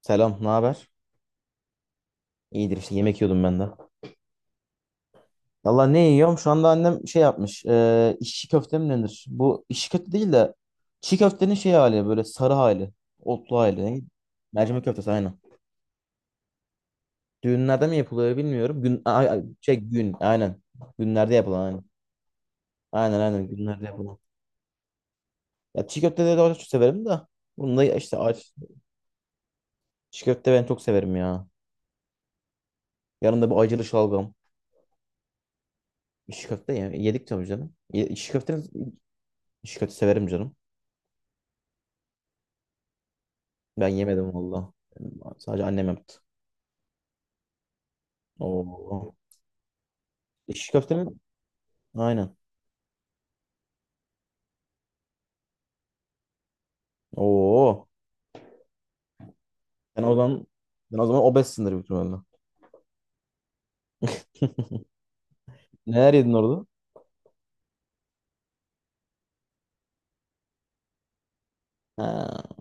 Selam, ne haber? İyidir işte yemek yiyordum ben de. Valla ne yiyorum? Şu anda annem şey yapmış. E, işçi köfte mi denir? Bu işçi köfte değil de çiğ köftenin şey hali böyle sarı hali. Otlu hali. Ne? Mercimek köftesi aynen. Düğünlerde mi yapılıyor bilmiyorum. Gün, şey gün aynen. Günlerde yapılan aynen. Aynen aynen günlerde yapılan. Ya çiğ köfteleri de çok severim de. Bunu da işte aç. Çiğ köfte ben çok severim ya. Yanında bu acılı şalgam. İşçi köfte ya. Yedik tabii canım. İşçi köfte severim canım. Ben yemedim valla. Sadece annem yaptı. Oo. İşi köftenin aynen. Oo. Sen o zaman sen o zaman obezsindir büyük ihtimalle. Neler yedin orada? Ha.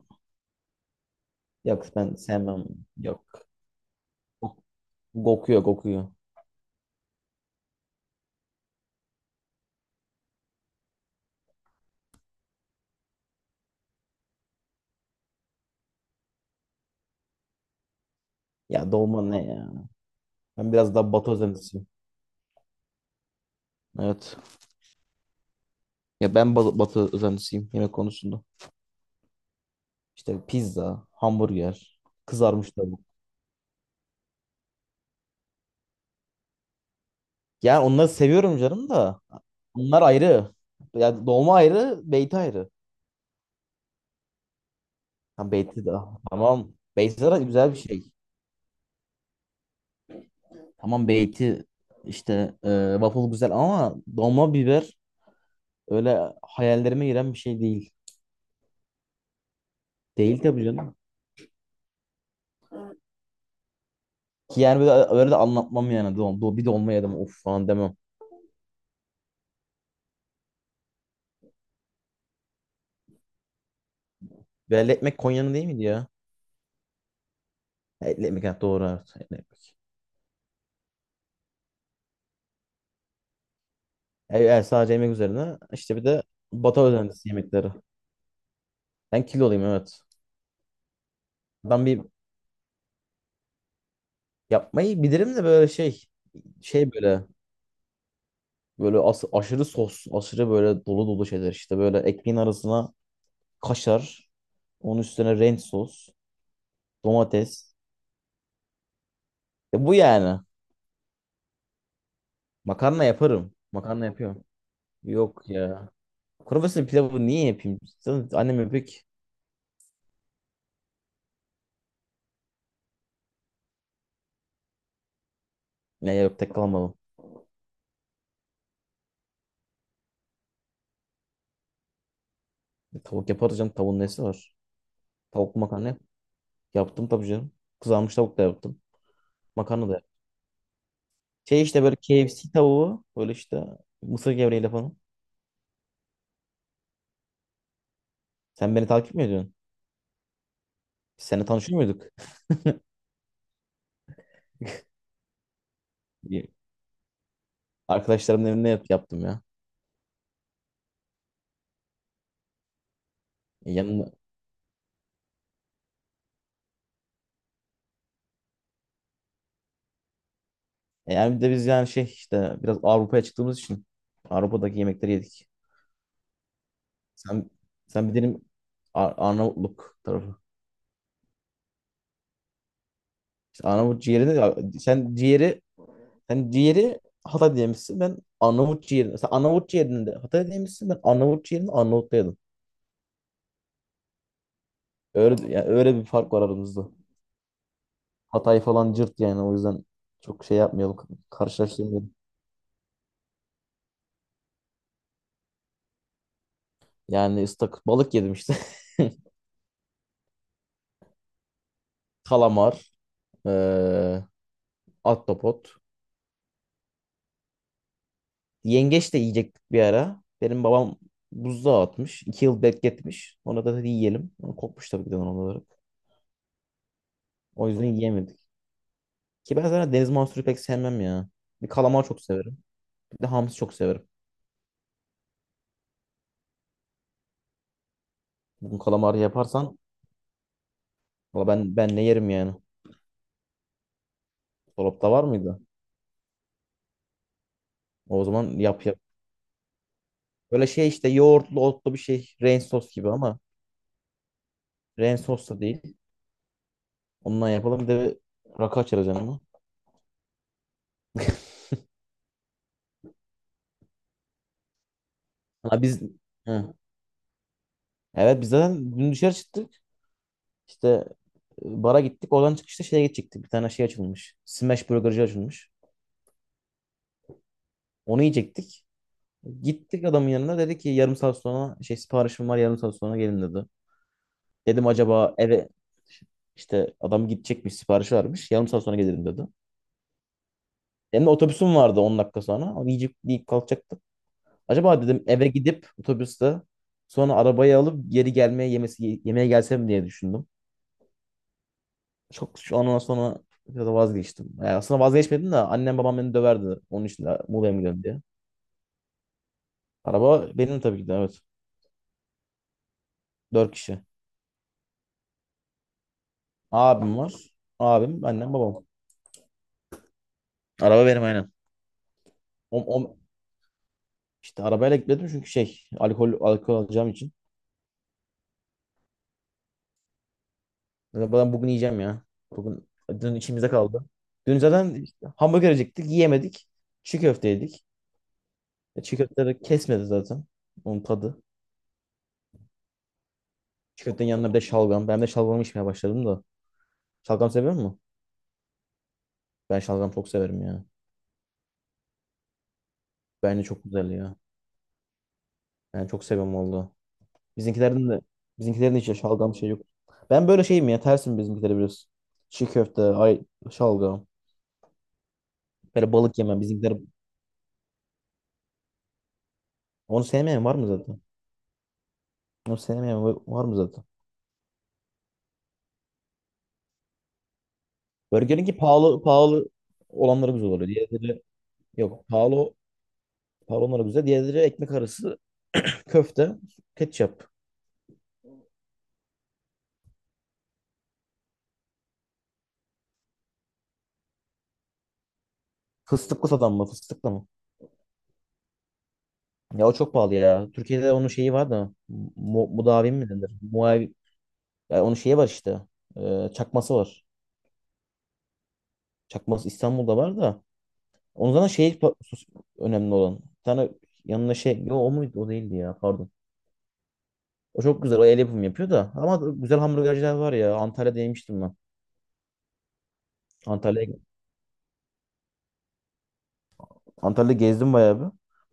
Yok ben sevmem. Yok. Kokuyor kokuyor. Ya dolma ne ya? Ben biraz daha batı özentisiyim. Evet. Ya ben batı özentisiyim yemek konusunda. İşte pizza, hamburger, kızarmış tavuk. Yani onları seviyorum canım da. Onlar ayrı. Ya dolma ayrı, beyti ayrı. Tam beyti de. Tamam. Beyti zaten güzel bir şey. Tamam beyti işte waffle güzel ama dolma biber öyle hayallerime giren bir şey değil. Değil tabii canım. Ki yani böyle, öyle de anlatmam yani. Bir dolma yedim of falan demem. Belli ekmek Konya'nın değil miydi ya? Ha, etli ekmek ha, doğru evet. Etli ekmek. Sadece yemek üzerine işte bir de batı özenlisi yemekleri. Ben kiloluyum evet. Ben bir yapmayı bilirim de böyle şey şey böyle Böyle aşırı sos, aşırı böyle dolu dolu şeyler işte. Böyle ekmeğin arasına kaşar, onun üstüne renk sos, domates. E bu yani. Makarna yaparım. Makarna yapıyorum. Yok ya. Kuru fasulye pilavı niye yapayım? Zaten annem yapıyor ki. Ne yok tek kalmadım. E, tavuk yaparız canım. Tavuğun nesi var? Tavuklu makarna yap. Yaptım tabii canım. Kızarmış tavuk da yaptım. Makarna da yaptım. Şey işte böyle KFC tavuğu. Böyle işte mısır gevreğiyle falan. Sen beni takip mi ediyorsun? Biz seninle tanışıyor muyduk? Arkadaşlarımın evinde yaptım ya. Yanında. Yani bir de biz yani şey işte biraz Avrupa'ya çıktığımız için Avrupa'daki yemekleri yedik. Sen sen bir dedim Ar- Arnavutluk tarafı. İşte Arnavut ciğeri sen ciğeri Hatay diyemişsin. Ben Arnavut ciğerini sen Arnavut ciğerini de Hatay diyemişsin. Ben Arnavut ciğerini Arnavut'ta yedim. Öyle yani öyle bir fark var aramızda. Hatay falan cırt yani o yüzden çok şey yapmayalım karşılaştırmayalım. Yani ıslak balık yedim işte. Kalamar, eee, ahtapot. Yengeç de yiyecektik bir ara. Benim babam buzluğa atmış. 2 yıl bekletmiş. Ona da dedi yiyelim. Ama kokmuş tabii ki de doğal olarak. O yüzden yiyemedik. Ki ben zaten deniz mahsulü pek sevmem ya. Bir kalamar çok severim. Bir de hamsi çok severim. Bugün kalamarı yaparsan valla ben ne yerim yani. Dolapta var mıydı? O zaman yap yap. Böyle şey işte yoğurtlu otlu bir şey. Rain sos gibi ama rain sos da değil. Ondan yapalım. Bir de rakı açarız yanına. Ha biz. Hı. Evet biz zaten dün dışarı çıktık. İşte bara gittik. Oradan çıkışta şeye gidecektik. Bir tane şey açılmış. Smash Burger'cı açılmış. Onu yiyecektik. Gittik adamın yanına. Dedi ki yarım saat sonra şey siparişim var yarım saat sonra gelin dedi. Dedim acaba eve işte adam gidecekmiş siparişi vermiş. Yarım saat sonra gelirim dedi. Benim de otobüsüm vardı 10 dakika sonra. Onu yiyecek yiyip kalkacaktık. Acaba dedim eve gidip otobüste sonra arabayı alıp geri gelmeye yemesi yemeğe gelsem diye düşündüm. Çok şu an sonra biraz da vazgeçtim. Yani aslında vazgeçmedim de annem babam beni döverdi. Onun için de Muğla'ya mı gidiyorsun diye. Araba benim tabii ki de evet. 4 kişi. Abim var. Abim, annem, babam. Araba benim aynen. O, o- işte arabayla gitmedim çünkü şey alkol alacağım için. Ya ben bugün yiyeceğim ya. Bugün dün içimizde kaldı. Dün zaten işte hamburger yiyecektik, yiyemedik. Çiğ köfte yedik. E, çiğ köfteleri kesmedi zaten. Onun tadı. Çiğ köftenin yanına bir de şalgam. Ben de şalgam içmeye başladım da. Şalgam seviyor musun? Ben şalgam çok severim ya. Bence çok güzel ya. Yani çok seviyorum valla. Bizimkilerin de bizimkilerin de hiç şalgam şey yok. Ben böyle şeyim ya tersim bizimkileri biraz. Çiğ köfte, ay şalgam. Böyle balık yemem bizimkiler. Onu sevmeyen var mı zaten? Onu sevmeyen var mı zaten? Burger'inki pahalı pahalı olanları güzel oluyor. Diğerleri yok. Pahalı pahalı olanları güzel. Diğerleri ekmek arası köfte, ketçap. Fıstıklı satan mı? Fıstıklı mı? Ya o çok pahalı ya. Türkiye'de onun şeyi var da mu, mudavim mi denir? Muavi, ya onun şeyi var işte. Çakması var. Çakması İstanbul'da var da. Onun zaten önemli olan. Bir tane yanına şey. Yo, o muydu? O değildi ya. Pardon. O çok güzel. O el yapımı yapıyor da. Ama güzel hamburgerciler var ya. Antalya'da yemiştim ben. Antalya'ya Antalya'da gezdim bayağı bir.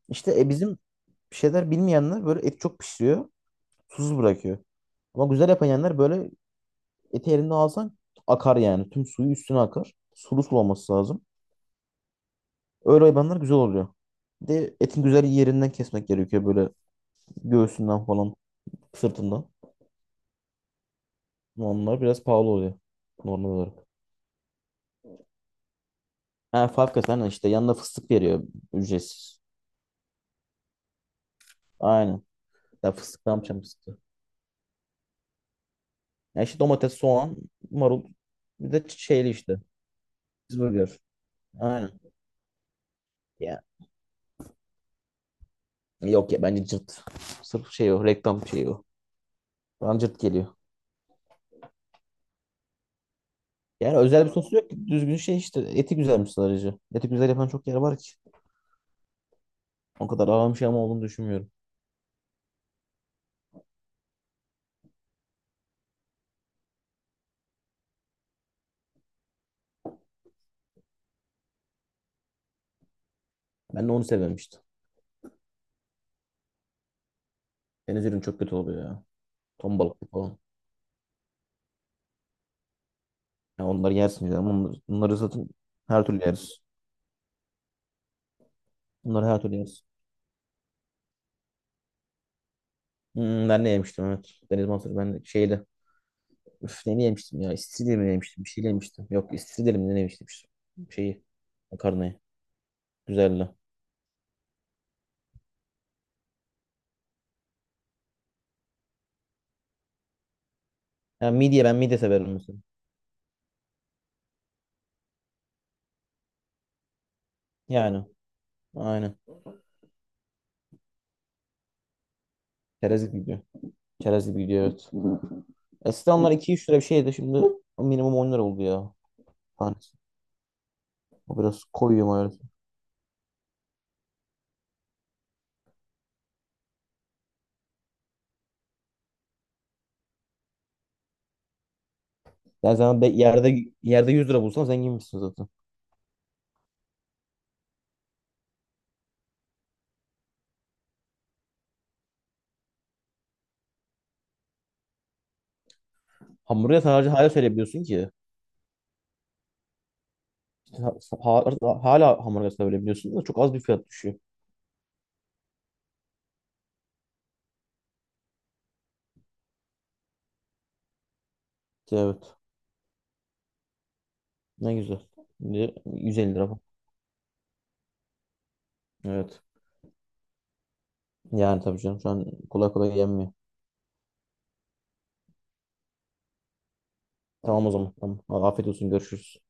İşte bizim şeyler bilmeyenler böyle et çok pişiriyor. Susuz bırakıyor. Ama güzel yapan yerler böyle eti elinde alsan akar yani. Tüm suyu üstüne akar. Sulu sulaması lazım. Öyle hayvanlar güzel oluyor. Bir de etin güzel yerinden kesmek gerekiyor böyle göğsünden falan sırtından. Onlar biraz pahalı oluyor normal olarak. Ha Favkas aynen işte yanında fıstık veriyor ücretsiz. Aynen. Ya fıstık ne yapacağım fıstığı? Ya işte domates, soğan, marul bir de şeyli işte. Cheeseburger. Aynen. Ya. Yok ya bence cırt. Sırf şey o reklam şeyi o. Bana cırt geliyor. Yani özel bir sosu yok ki. Düzgün şey işte. Eti güzelmiş sadece. Eti güzel yapan çok yer var ki. O kadar ağam şey ama olduğunu düşünmüyorum. Ben de onu sevmemiştim. Deniz ürünü çok kötü oluyor ya. Ton balıklı falan. Ya onları yersin ya. Bunları zaten her türlü yeriz. Bunları her türlü yeriz. Hmm, ben ne yemiştim evet. Deniz mahsulü ben de şeyde. Üf ne yemiştim ya? İstiridye mi yemiştim? Bir şeyle yemiştim. Yok istiridye mi ne yemiştim? İşte. Şeyi. Makarnayı. Güzeldi. Ya midye ben midye severim mesela. Yani. Aynen. Çerez gibi gidiyor. Çerez gibi gidiyor evet. Eskiden onlar iki üç lira bir şeydi. Şimdi minimum 10 lira oldu ya. Tanesi. O biraz koyuyor. Yani sen yerde yerde 100 lira bulsan zenginmişsin zaten. Hamburger sadece hala söyleyebiliyorsun ki. Ha- ha- Hala hamburger söyleyebiliyorsun da çok az bir fiyat düşüyor. İşte evet. Ne güzel. Şimdi 150 lira bu. Evet. Yani tabii canım şu an kolay kolay yenmiyor. Tamam o zaman. Tamam. Afiyet olsun. Görüşürüz.